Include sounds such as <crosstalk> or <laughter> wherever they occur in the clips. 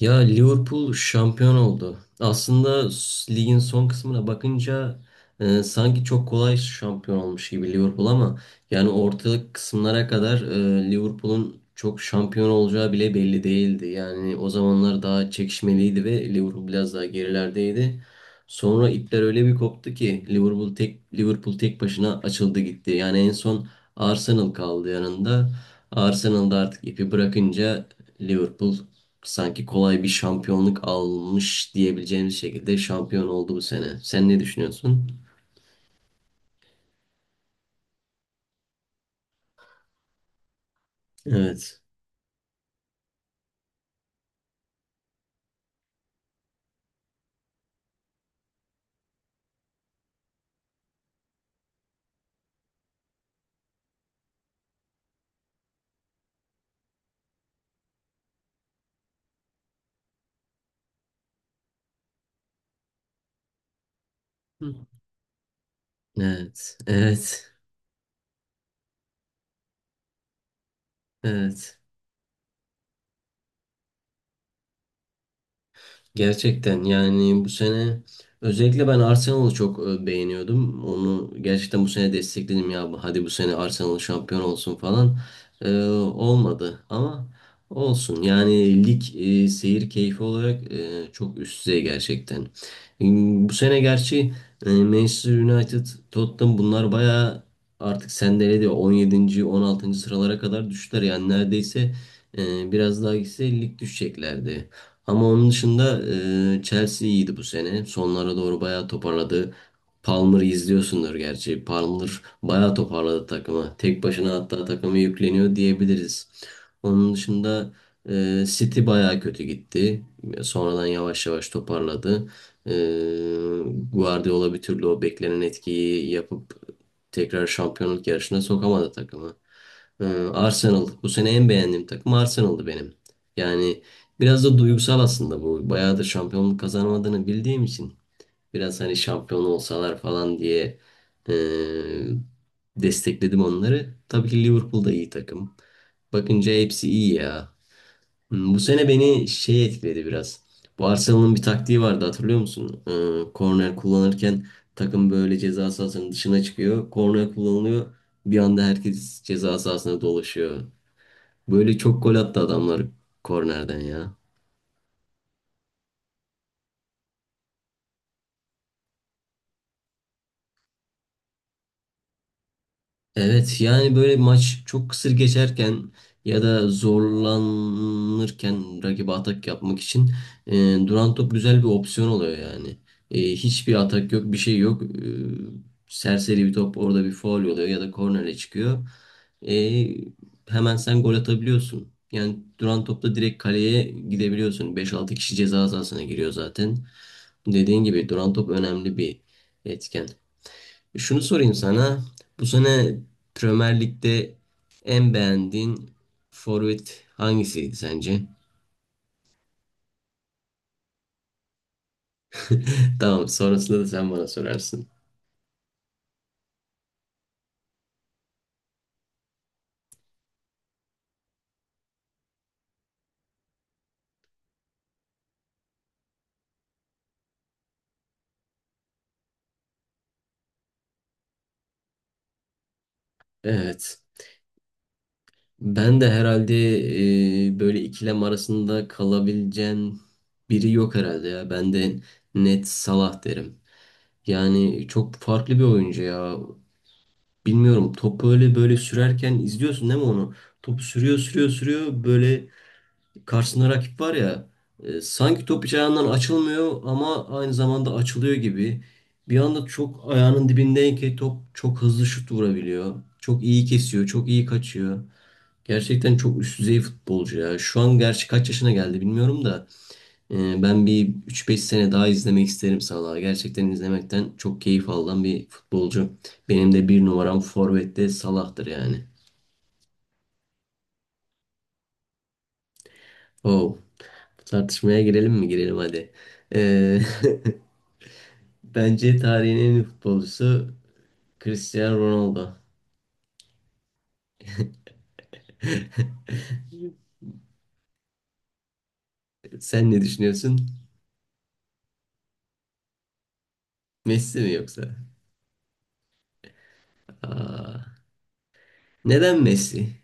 Ya Liverpool şampiyon oldu. Aslında ligin son kısmına bakınca sanki çok kolay şampiyon olmuş gibi Liverpool ama yani ortalık kısımlara kadar Liverpool'un çok şampiyon olacağı bile belli değildi. Yani o zamanlar daha çekişmeliydi ve Liverpool biraz daha gerilerdeydi. Sonra ipler öyle bir koptu ki Liverpool tek başına açıldı gitti. Yani en son Arsenal kaldı yanında. Arsenal da artık ipi bırakınca Liverpool sanki kolay bir şampiyonluk almış diyebileceğimiz şekilde şampiyon oldu bu sene. Sen ne düşünüyorsun? Evet. Hı. Evet. Evet. Evet. Gerçekten yani bu sene özellikle ben Arsenal'ı çok beğeniyordum. Onu gerçekten bu sene destekledim ya. Hadi bu sene Arsenal şampiyon olsun falan. Olmadı ama olsun. Yani lig seyir keyfi olarak çok üst düzey gerçekten. Bu sene gerçi Manchester United, Tottenham bunlar bayağı artık sendeledi. 17. 16. sıralara kadar düştüler. Yani neredeyse biraz daha gitse lig düşeceklerdi. Ama onun dışında Chelsea iyiydi bu sene. Sonlara doğru bayağı toparladı. Palmer'ı izliyorsundur gerçi. Palmer bayağı toparladı takımı. Tek başına hatta takımı yükleniyor diyebiliriz. Onun dışında City bayağı kötü gitti. Sonradan yavaş yavaş toparladı. E, Guardiola bir türlü o beklenen etkiyi yapıp tekrar şampiyonluk yarışına sokamadı takımı. Ee, Arsenal bu sene en beğendiğim takım Arsenal'dı benim. Yani biraz da duygusal aslında bu. Bayağıdır şampiyonluk kazanamadığını bildiğim için biraz hani şampiyon olsalar falan diye e, destekledim onları. Tabii ki Liverpool da iyi takım. Bakınca hepsi iyi ya. Bu sene beni şey etkiledi biraz. Bu Arsenal'ın bir taktiği vardı hatırlıyor musun? Korner kullanırken takım böyle ceza sahasının dışına çıkıyor. Korner kullanılıyor. Bir anda herkes ceza sahasına dolaşıyor. Böyle çok gol attı adamlar kornerden ya. Evet, yani böyle maç çok kısır geçerken ya da zorlanırken rakibe atak yapmak için duran top güzel bir opsiyon oluyor yani. Hiçbir atak yok, bir şey yok. Serseri bir top orada, bir faul oluyor ya da kornere çıkıyor. E, Hemen sen gol atabiliyorsun. Yani duran topla direkt kaleye gidebiliyorsun. Beş altı kişi ceza sahasına giriyor zaten. Dediğin gibi duran top önemli bir etken. Şunu sorayım sana. Bu sene Premier Lig'de en beğendiğin forvet hangisiydi sence? <laughs> Tamam, sonrasında da sen bana sorarsın. Evet. Ben de herhalde böyle ikilem arasında kalabileceğin biri yok herhalde ya. Ben de net Salah derim. Yani çok farklı bir oyuncu ya. Bilmiyorum, top böyle böyle sürerken izliyorsun değil mi onu? Topu sürüyor sürüyor sürüyor böyle, karşısında rakip var ya, sanki top hiç ayağından açılmıyor ama aynı zamanda açılıyor gibi. Bir anda çok ayağının dibindeyken ki top çok hızlı şut vurabiliyor. Çok iyi kesiyor, çok iyi kaçıyor. Gerçekten çok üst düzey futbolcu ya. Şu an gerçi kaç yaşına geldi bilmiyorum da ben bir üç beş sene daha izlemek isterim Salah'ı. Gerçekten izlemekten çok keyif alan bir futbolcu. Benim de bir numaram forvette Salah'tır yani. Oh, tartışmaya girelim mi? Girelim hadi. E, <laughs> Bence tarihin en iyi futbolcusu Cristiano Ronaldo. Sen ne düşünüyorsun? Messi mi yoksa? Aa, neden Messi?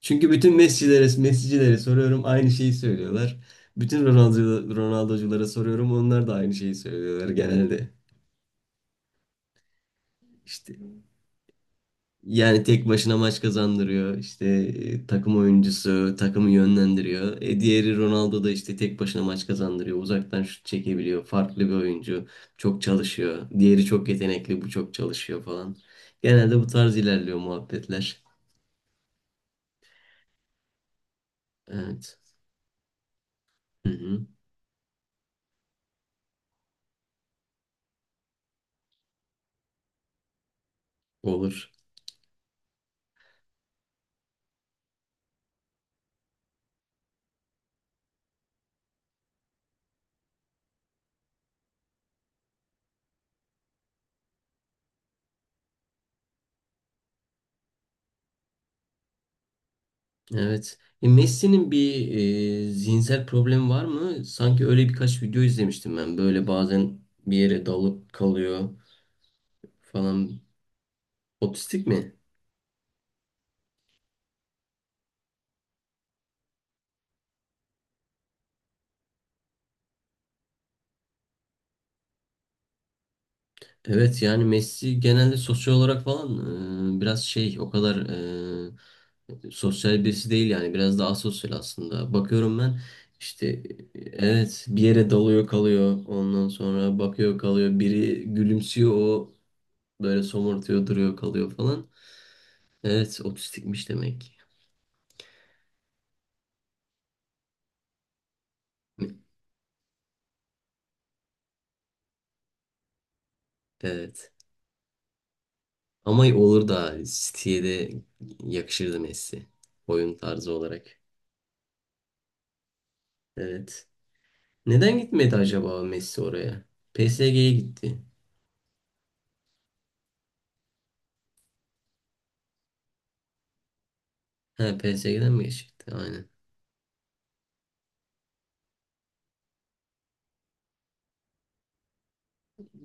Çünkü bütün Messi'lere, Messi'cilere soruyorum aynı şeyi söylüyorlar. Bütün Ronaldo, Ronaldo'culara soruyorum onlar da aynı şeyi söylüyorlar genelde. İşte yani tek başına maç kazandırıyor. İşte takım oyuncusu, takımı yönlendiriyor. Diğeri Ronaldo da işte tek başına maç kazandırıyor. Uzaktan şut çekebiliyor. Farklı bir oyuncu. Çok çalışıyor. Diğeri çok yetenekli, bu çok çalışıyor falan. Genelde bu tarz ilerliyor muhabbetler. Evet. Hı hı. Olur. Evet. Messi'nin bir zihinsel problemi var mı? Sanki öyle birkaç video izlemiştim ben. Böyle bazen bir yere dalıp kalıyor falan. Otistik mi? Evet, yani Messi genelde sosyal olarak falan biraz şey o kadar sosyal birisi değil yani biraz daha asosyal aslında. Bakıyorum ben işte evet, bir yere dalıyor kalıyor ondan sonra bakıyor kalıyor, biri gülümsüyor, o böyle somurtuyor duruyor kalıyor falan. Evet, otistikmiş demek. Evet, ama olur da City'ye de yakışırdı Messi, oyun tarzı olarak. Evet. Neden gitmedi acaba Messi oraya? PSG'ye gitti. He, PSG'den mi geçecekti? Aynen.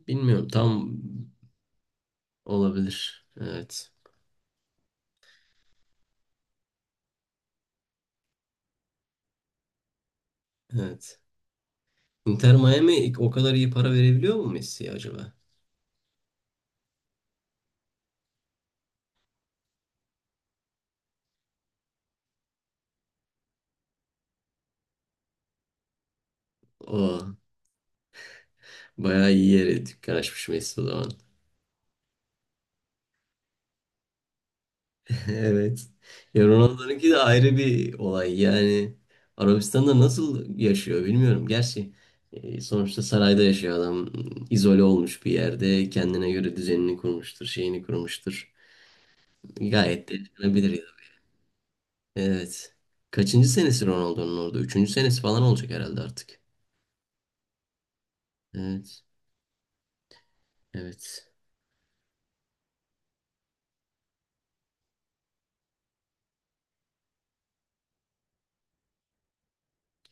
Bilmiyorum. Tam olabilir. Evet. Evet. Inter Miami o kadar iyi para verebiliyor mu Messi acaba? O bayağı iyi yere dükkan açmış Messi o zaman. <laughs> Evet. Ya Ronaldo'nunki de ayrı bir olay. Yani Arabistan'da nasıl yaşıyor bilmiyorum. Gerçi sonuçta sarayda yaşıyor adam. İzole olmuş bir yerde. Kendine göre düzenini kurmuştur, şeyini kurmuştur. Gayet de yaşanabilir. Evet. Kaçıncı senesi Ronaldo'nun orada? Üçüncü senesi falan olacak herhalde artık. Evet. Evet.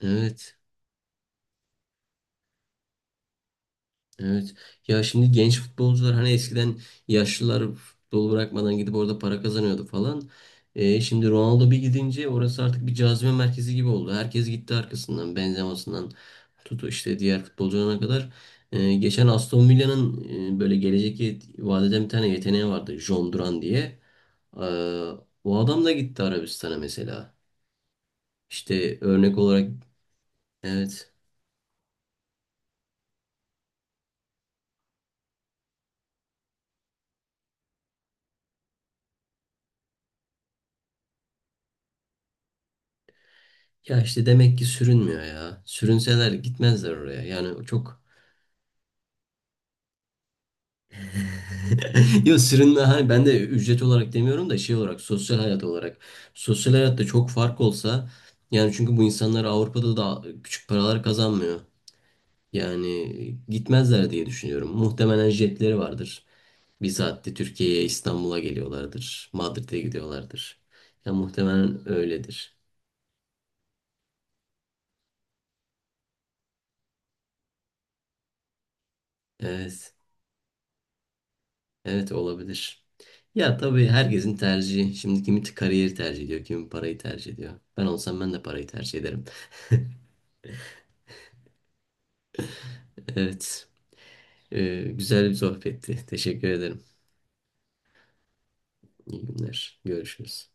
Evet. Evet. Ya şimdi genç futbolcular hani eskiden yaşlılar futbol bırakmadan gidip orada para kazanıyordu falan. Şimdi Ronaldo bir gidince orası artık bir cazibe merkezi gibi oldu. Herkes gitti arkasından. Benzema'sından tut işte diğer futbolcularına kadar. Geçen Aston Villa'nın böyle gelecek vadeden bir tane yeteneği vardı. John Duran diye. Ee, O adam da gitti Arabistan'a mesela. İşte örnek olarak evet. Ya işte demek ki sürünmüyor ya. Sürünseler gitmezler oraya. Yani çok <laughs> yok sırrında, hani ben de ücret olarak demiyorum da şey olarak, sosyal hayat olarak. Sosyal hayatta çok fark olsa yani, çünkü bu insanlar Avrupa'da da küçük paralar kazanmıyor. Yani gitmezler diye düşünüyorum. Muhtemelen jetleri vardır. Bir saatte Türkiye'ye, İstanbul'a geliyorlardır. Madrid'e gidiyorlardır. Ya muhtemelen öyledir. Evet. Evet, olabilir. Ya tabii, herkesin tercihi. Şimdi kimi kariyeri tercih ediyor, kimi parayı tercih ediyor. Ben olsam ben de parayı tercih ederim. <laughs> Evet. Güzel bir sohbetti. Teşekkür ederim. İyi günler. Görüşürüz.